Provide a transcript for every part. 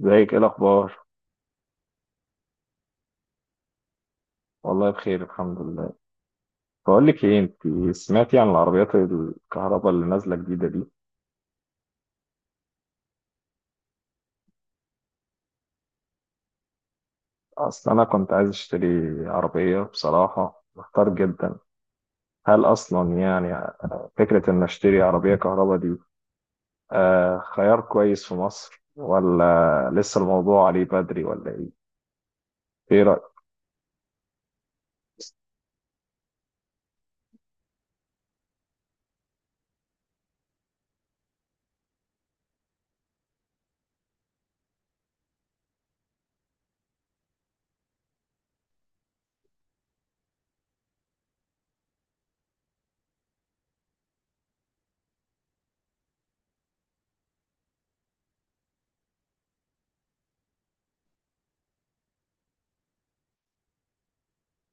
ازيك؟ ايه الاخبار؟ والله بخير، الحمد لله. بقول لك ايه، انت سمعتي عن العربيات الكهرباء اللي نازله جديده دي؟ اصل انا كنت عايز اشتري عربيه، بصراحه محتار جدا. هل اصلا، يعني، فكره ان اشتري عربيه كهرباء دي خيار كويس في مصر، ولا لسه الموضوع عليه بدري، ولا ايه؟ ايه رايك؟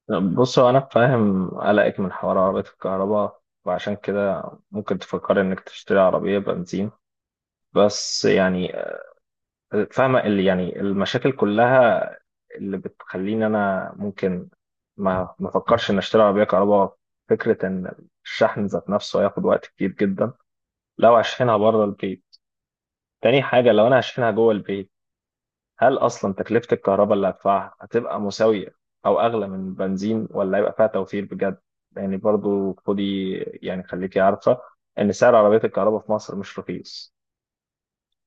طب بصوا، انا فاهم قلقك من حوار عربية الكهرباء، وعشان كده ممكن تفكري انك تشتري عربية بنزين. بس يعني، فاهمة اللي، يعني، المشاكل كلها اللي بتخليني أنا ممكن ما أفكرش إن أشتري عربية كهرباء. فكرة إن الشحن ذات نفسه هياخد وقت كتير جدا لو هشحنها بره البيت. تاني حاجة، لو أنا هشحنها جوه البيت، هل أصلا تكلفة الكهرباء اللي هدفعها هتبقى مساوية أو أغلى من البنزين، ولا هيبقى فيها توفير بجد؟ يعني برضو، خدي يعني، خليكي عارفة إن سعر عربية الكهرباء في مصر مش رخيص.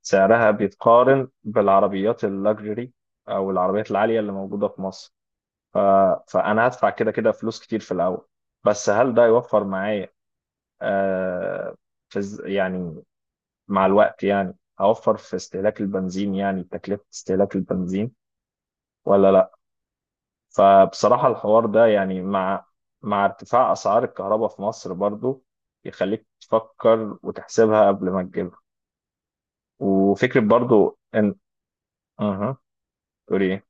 سعرها بيتقارن بالعربيات اللاكجري او العربيات العاليه اللي موجوده في مصر. ف... فانا هدفع كده كده فلوس كتير في الاول. بس هل ده يوفر معايا؟ آه يعني مع الوقت، يعني، هوفر في استهلاك البنزين، يعني تكلفه استهلاك البنزين، ولا لا؟ فبصراحه الحوار ده، يعني، مع ارتفاع اسعار الكهرباء في مصر برضو، يخليك تفكر وتحسبها قبل ما تجيبها. وفكره برضو ان... اها، تقولي ايه؟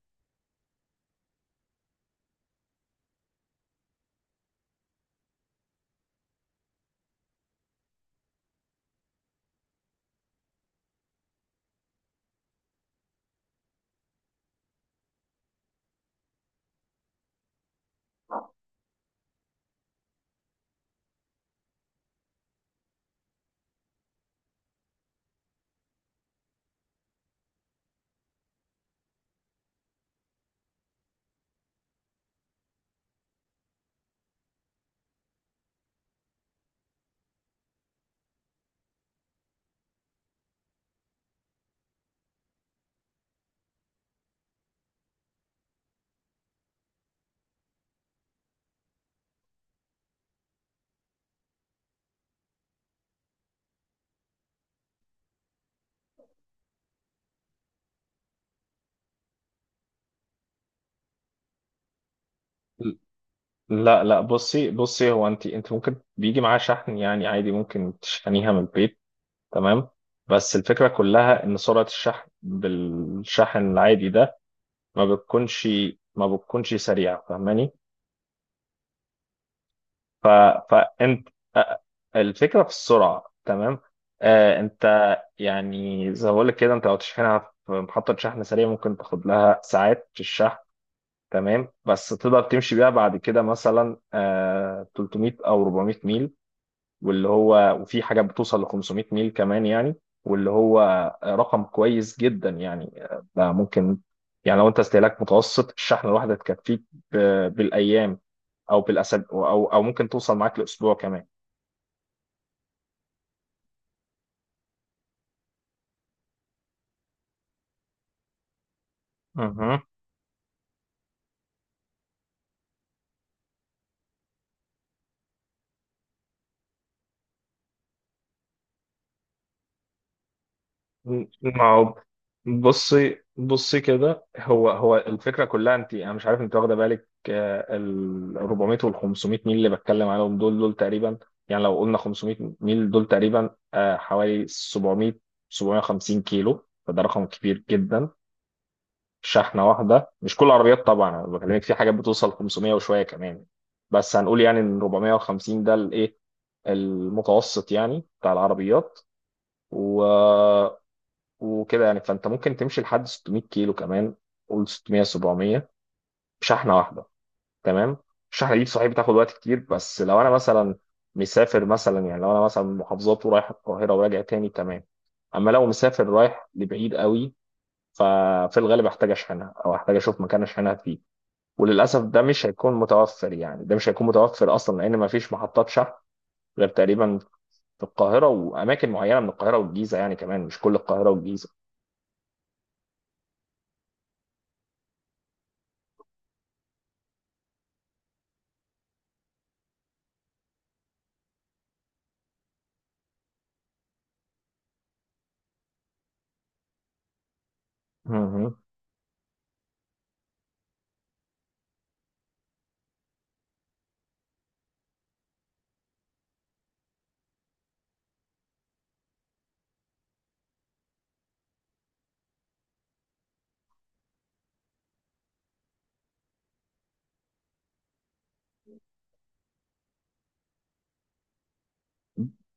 لا لا، بصي بصي، هو انت ممكن بيجي معاه شحن، يعني عادي ممكن تشحنيها من البيت. تمام. بس الفكرة كلها ان سرعة الشحن بالشحن العادي ده ما بتكونش ما بتكونش سريعة، فاهماني؟ ف فانت... آه، الفكرة في السرعة، تمام. انت، يعني زي ما بقول لك كده، انت لو تشحنها في محطة شحن سريع ممكن تاخد لها ساعات في الشحن. تمام، بس تقدر تمشي بيها بعد كده مثلا 300 او 400 ميل، واللي هو، وفي حاجات بتوصل ل 500 ميل كمان يعني، واللي هو رقم كويس جدا يعني. ده ممكن، يعني لو انت استهلاك متوسط الشحنه الواحده تكفيك ب- بالايام او بالاسابيع، او ممكن توصل معاك لاسبوع كمان. مهم. ما هو، بصي بصي كده، هو هو الفكره كلها، انا مش عارف انت واخده بالك، ال 400 وال 500 ميل اللي بتكلم عليهم دول دول تقريبا، يعني لو قلنا 500 ميل دول تقريبا حوالي 700 750 كيلو، فده رقم كبير جدا. شحنه واحده، مش كل العربيات طبعا، انا بكلمك في حاجات بتوصل 500 وشويه كمان. بس هنقول يعني ان 450 ده الايه، المتوسط يعني بتاع العربيات، و... وكده يعني. فانت ممكن تمشي لحد 600 كيلو كمان، قول 600 700 بشحنه واحده. تمام. الشحنه دي صحيح بتاخد وقت كتير، بس لو انا مثلا مسافر، مثلا يعني لو انا مثلا من محافظات ورايح القاهره وراجع تاني، تمام. اما لو مسافر رايح لبعيد قوي، ففي الغالب احتاج اشحنها، او احتاج اشوف مكان اشحنها فيه. وللاسف ده مش هيكون متوفر، يعني ده مش هيكون متوفر اصلا، لان ما فيش محطات شحن غير تقريبا في القاهره واماكن معينه من القاهره والجيزه، يعني كمان مش كل القاهره والجيزه.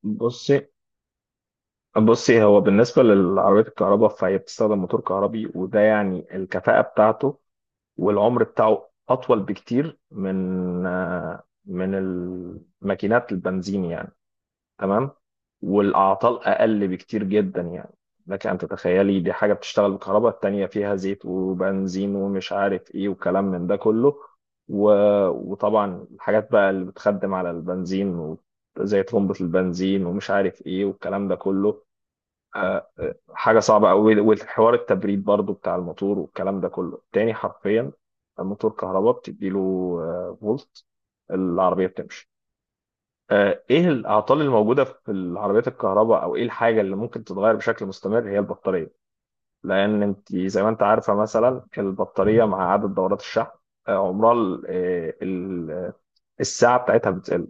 بصي بصي، هو بالنسبة للعربيات الكهرباء فهي بتستخدم موتور كهربي، وده يعني الكفاءة بتاعته والعمر بتاعه أطول بكتير من من الماكينات البنزين يعني. تمام. والاعطال اقل بكتير جدا يعني. لك ان تتخيلي، دي حاجه بتشتغل بالكهرباء، التانيه فيها زيت وبنزين ومش عارف ايه وكلام من ده كله، و... وطبعا الحاجات بقى اللي بتخدم على البنزين زي طرمبة البنزين ومش عارف ايه والكلام ده كله حاجه صعبه قوي، والحوار التبريد برضو بتاع الموتور والكلام ده كله تاني، حرفيا. الموتور كهرباء بتديله فولت، العربيه بتمشي. ايه الاعطال الموجوده في العربيات الكهرباء، او ايه الحاجه اللي ممكن تتغير بشكل مستمر، هي البطاريه. لان انت زي ما انت عارفه، مثلا البطاريه مع عدد دورات الشحن، آه، عمرها ال- آه، ال- الساعه بتاعتها بتقل.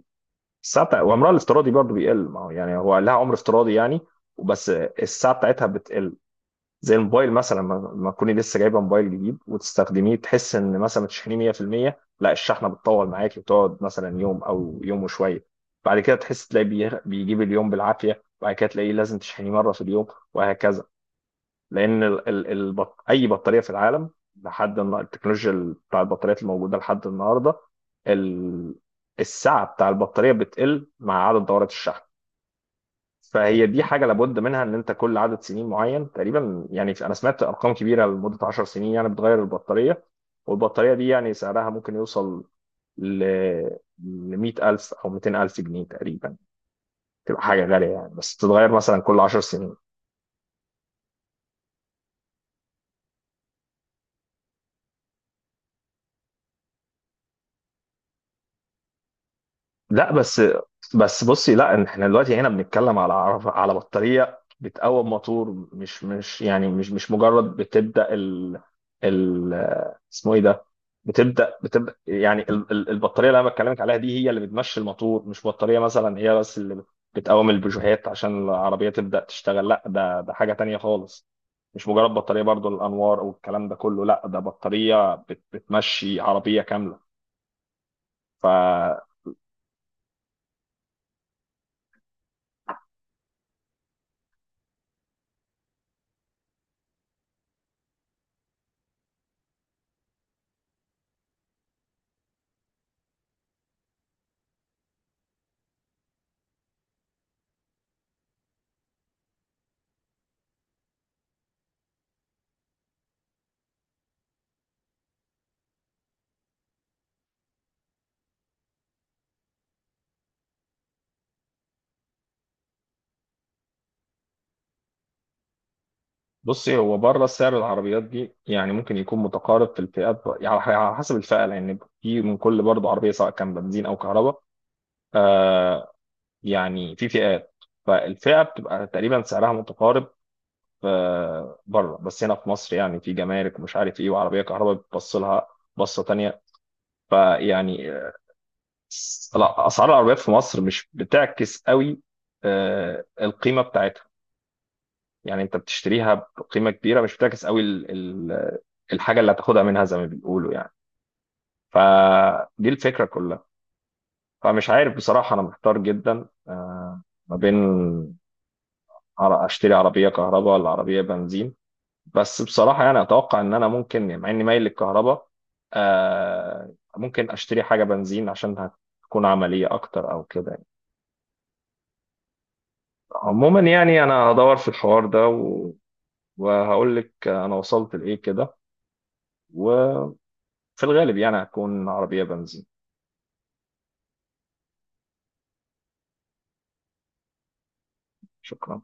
وعمرها الافتراضي برضه بيقل. ما هو يعني هو لها عمر افتراضي يعني، بس الساعه بتاعتها بتقل. زي الموبايل مثلا، لما تكوني لسه جايبه موبايل جديد وتستخدميه، تحس ان مثلا متشحنيه 100%. لا الشحنه بتطول معاكي، وتقعد مثلا يوم او يوم وشويه. بعد كده تحس تلاقي بيجيب اليوم بالعافيه، وبعد كده تلاقيه لازم تشحنيه مره في اليوم، وهكذا. لان ال ال البط اي بطاريه في العالم، التكنولوجيا بتاع البطاريات الموجوده لحد النهارده، ال السعه بتاع البطاريه بتقل مع عدد دورات الشحن. فهي دي حاجه لابد منها، ان انت كل عدد سنين معين تقريبا، يعني انا سمعت ارقام كبيره لمده 10 سنين يعني، بتغير البطاريه. والبطاريه دي يعني سعرها ممكن يوصل ل ل 100000 او 200000 جنيه تقريبا، تبقى حاجه غاليه يعني، بس تتغير مثلا كل 10 سنين. لا بس، بس بصي لا، احنا دلوقتي هنا بنتكلم على على بطارية بتقوم موتور، مش يعني مش مجرد بتبدأ ال اسمه ايه ده، بتبدأ يعني البطارية اللي انا بكلمك عليها دي هي اللي بتمشي الموتور، مش بطارية مثلا هي بس اللي بتقوم البوجيهات عشان العربية تبدأ تشتغل، لا ده حاجة تانية خالص. مش مجرد بطارية برضو الأنوار والكلام ده كله، لا ده بطارية بتمشي عربية كاملة. ف بصي، هو بره سعر العربيات دي يعني ممكن يكون متقارب في الفئات يعني على حسب الفئه، لان في من كل برضه عربيه سواء كان بنزين او كهرباء. آه يعني في فئات، فالفئه بتبقى تقريبا سعرها متقارب بره. بس هنا في مصر يعني في جمارك ومش عارف ايه، وعربيه كهرباء بتبص لها بصه تانيه. فيعني لا، اسعار العربيات في مصر مش بتعكس قوي القيمه بتاعتها، يعني انت بتشتريها بقيمه كبيره، مش بتعكس قوي الحاجه اللي هتاخدها منها، زي ما بيقولوا يعني. فدي الفكره كلها. فمش عارف بصراحه، انا محتار جدا ما بين اشتري عربيه كهرباء ولا عربيه بنزين. بس بصراحه يعني اتوقع ان انا ممكن يعني، مع اني مايل للكهرباء ممكن اشتري حاجه بنزين عشان هتكون عمليه اكتر، او كده يعني. عموما يعني، انا هدور في الحوار ده وهقول لك انا وصلت لايه كده، في الغالب يعني هتكون عربية بنزين. شكرا.